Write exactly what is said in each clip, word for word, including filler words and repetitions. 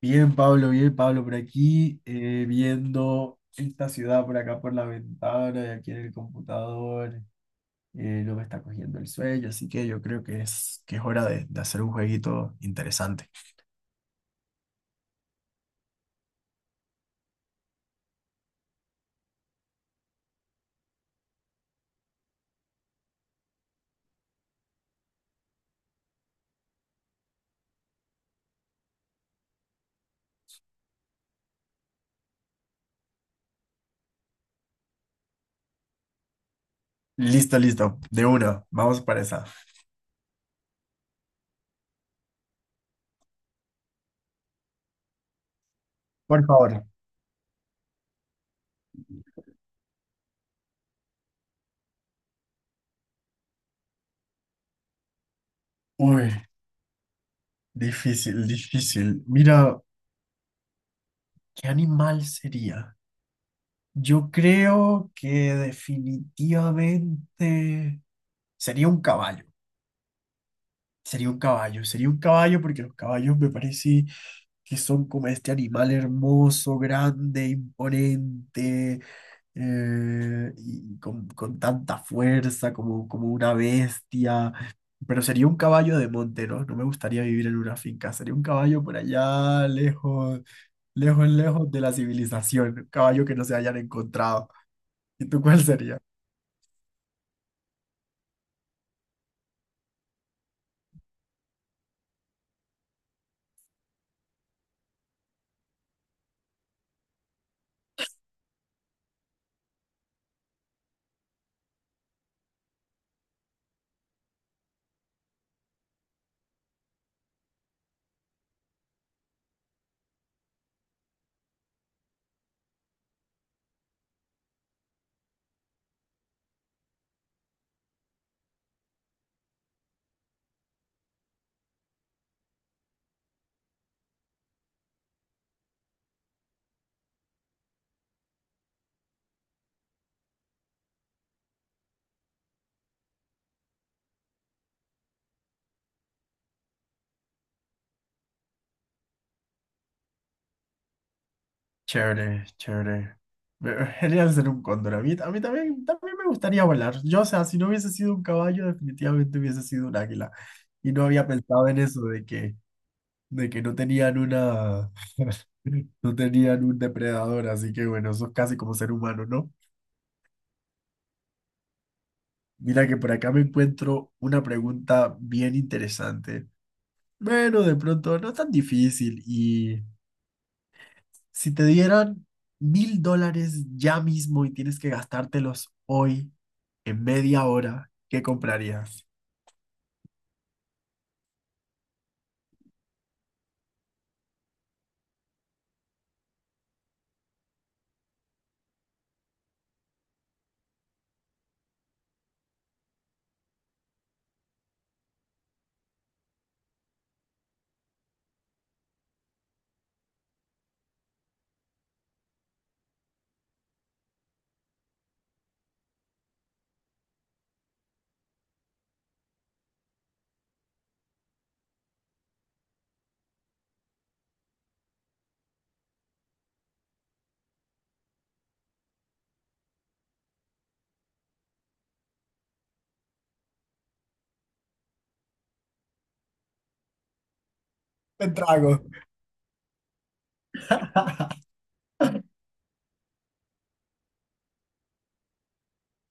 Bien, Pablo, bien, Pablo, por aquí, eh, viendo esta ciudad por acá por la ventana y aquí en el computador, eh, no me está cogiendo el sueño, así que yo creo que es, que es hora de, de hacer un jueguito interesante. Listo, listo, de una, vamos para esa. Por favor. Uy, difícil, difícil. Mira, ¿qué animal sería? Yo creo que definitivamente sería un caballo. Sería un caballo, sería un caballo porque los caballos me parece que son como este animal hermoso, grande, imponente, eh, y con, con tanta fuerza como, como una bestia. Pero sería un caballo de monte, ¿no? No me gustaría vivir en una finca. Sería un caballo por allá, lejos, lejos, lejos de la civilización. Un caballo que no se hayan encontrado. ¿Y tú cuál sería? Chévere, chévere. Me- Genial ser un cóndor. A mí, a mí también, también me gustaría volar. Yo, o sea, si no hubiese sido un caballo, definitivamente hubiese sido un águila. Y no había pensado en eso, de que, de que no tenían una, no tenían un depredador. Así que bueno, eso es casi como ser humano, ¿no? Mira que por acá me encuentro una pregunta bien interesante. Bueno, de pronto no es tan difícil. Si te dieran mil dólares ya mismo y tienes que gastártelos hoy, en media hora, ¿qué comprarías? Me trago.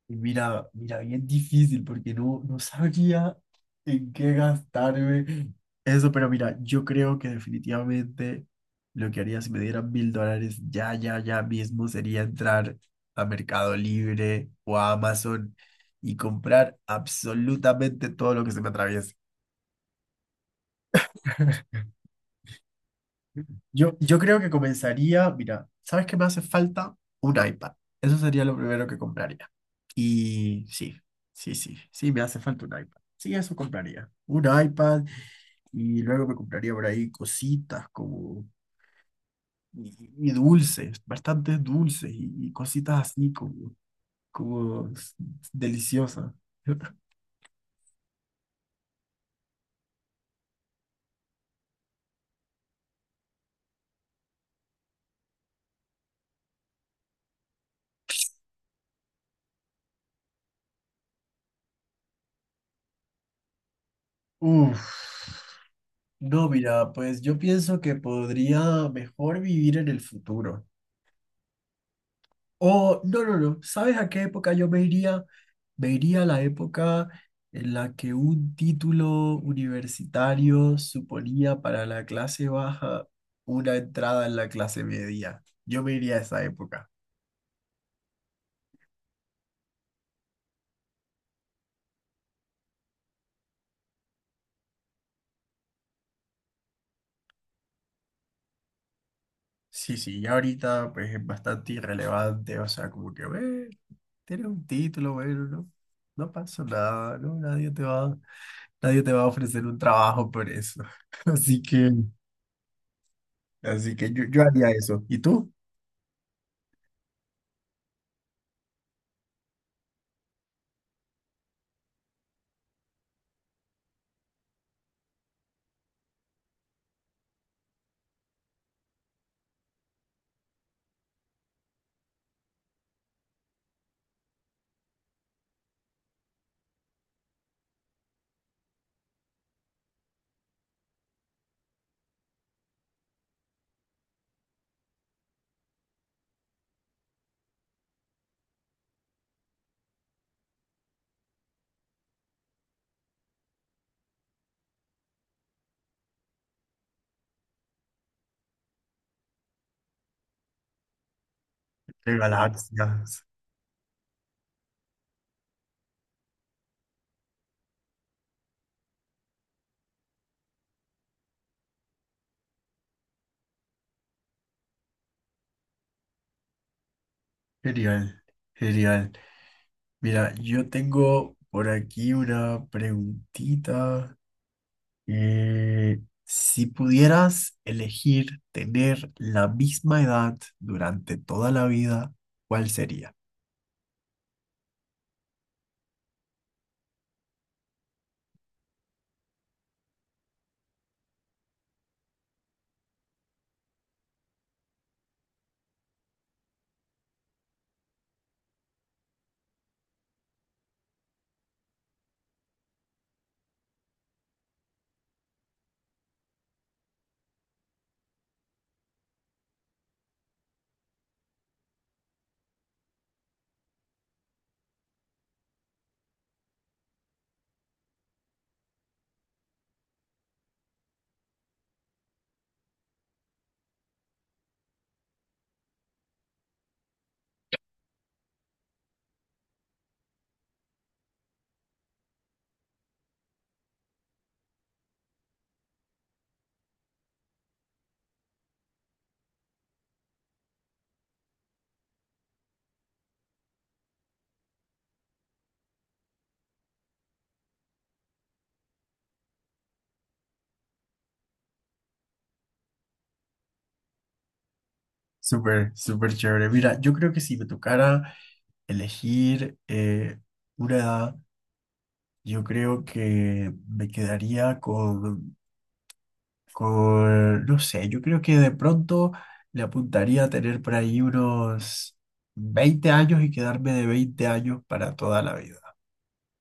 Y mira, mira, bien difícil porque no, no sabía en qué gastarme eso, pero mira, yo creo que definitivamente lo que haría si me dieran mil dólares ya, ya, ya mismo sería entrar a Mercado Libre o a Amazon y comprar absolutamente todo lo que se me atraviese. Yo, yo creo que comenzaría, mira, ¿sabes qué me hace falta? Un iPad. Eso sería lo primero que compraría. Y sí, sí, sí, sí, me hace falta un iPad. Sí, eso compraría. Un iPad y luego me compraría por ahí cositas como... Y, y dulces, bastantes dulces y, y cositas así como, como s- deliciosas. Uf. No, mira, pues yo pienso que podría mejor vivir en el futuro. Oh, no, no, no. ¿Sabes a qué época yo me iría? Me iría a la época en la que un título universitario suponía para la clase baja una entrada en la clase media. Yo me iría a esa época. Sí, sí, ya ahorita pues es bastante irrelevante, o sea, como que, "Ve, tienes un título, bueno, no, no pasó nada, no, nadie te va, nadie te va a ofrecer un trabajo por eso." Así que, así que yo, yo haría eso. ¿Y tú? De galaxia. Genial, genial. Mira, yo tengo por aquí una preguntita. Eh, si pudieras elegir tener la misma edad durante toda la vida, ¿cuál sería? Súper, súper chévere. Mira, yo creo que si me tocara elegir eh, una edad, yo creo que me quedaría con... Con, no sé, yo creo que de pronto le apuntaría a tener por ahí unos veinte años y quedarme de veinte años para toda la vida.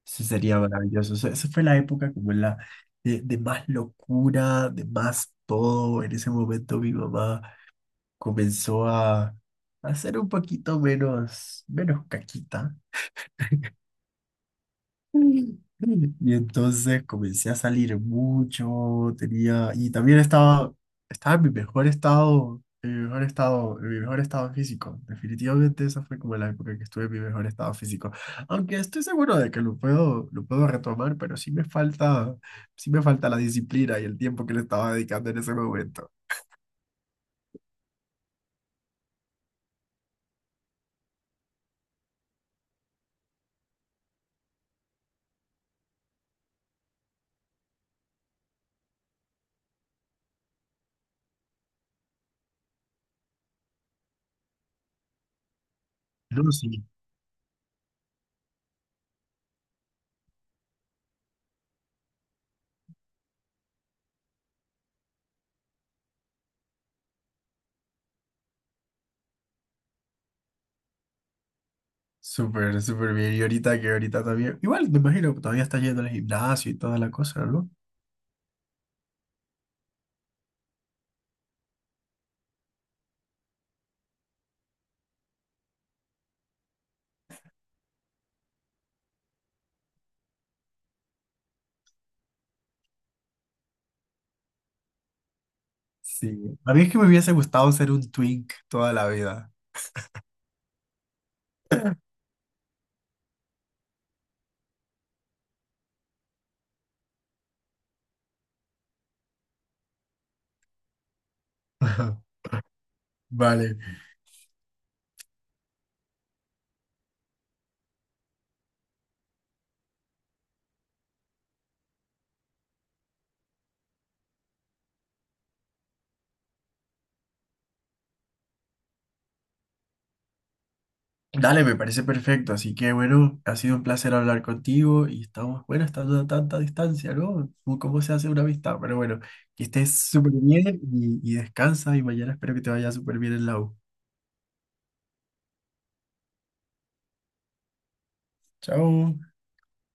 Eso sería maravilloso. Eso- Esa fue la época como la de, de más locura, de más todo. En ese momento mi mamá comenzó a, a ser un poquito menos, menos caquita. Y entonces comencé a salir mucho, tenía, y también estaba, estaba en mi mejor estado, en mi mejor estado, en mi mejor estado físico. Definitivamente esa fue como la época que estuve en mi mejor estado físico. Aunque estoy seguro de que lo puedo, lo puedo retomar, pero sí me falta, sí me falta la disciplina y el tiempo que le estaba dedicando en ese momento. No, sí. Súper, súper bien. Y ahorita que ahorita también, igual me imagino que todavía está yendo al gimnasio y toda la cosa, ¿no? Sí. A mí es que me hubiese gustado ser un twink toda la vida. Ajá, vale. Dale, me parece perfecto. Así que bueno, ha sido un placer hablar contigo y estamos, bueno, estando a tanta distancia, ¿no? Como ¿cómo se hace una amistad? Pero bueno, que estés súper bien y, y descansa y mañana espero que te vaya súper bien en la U. Chao.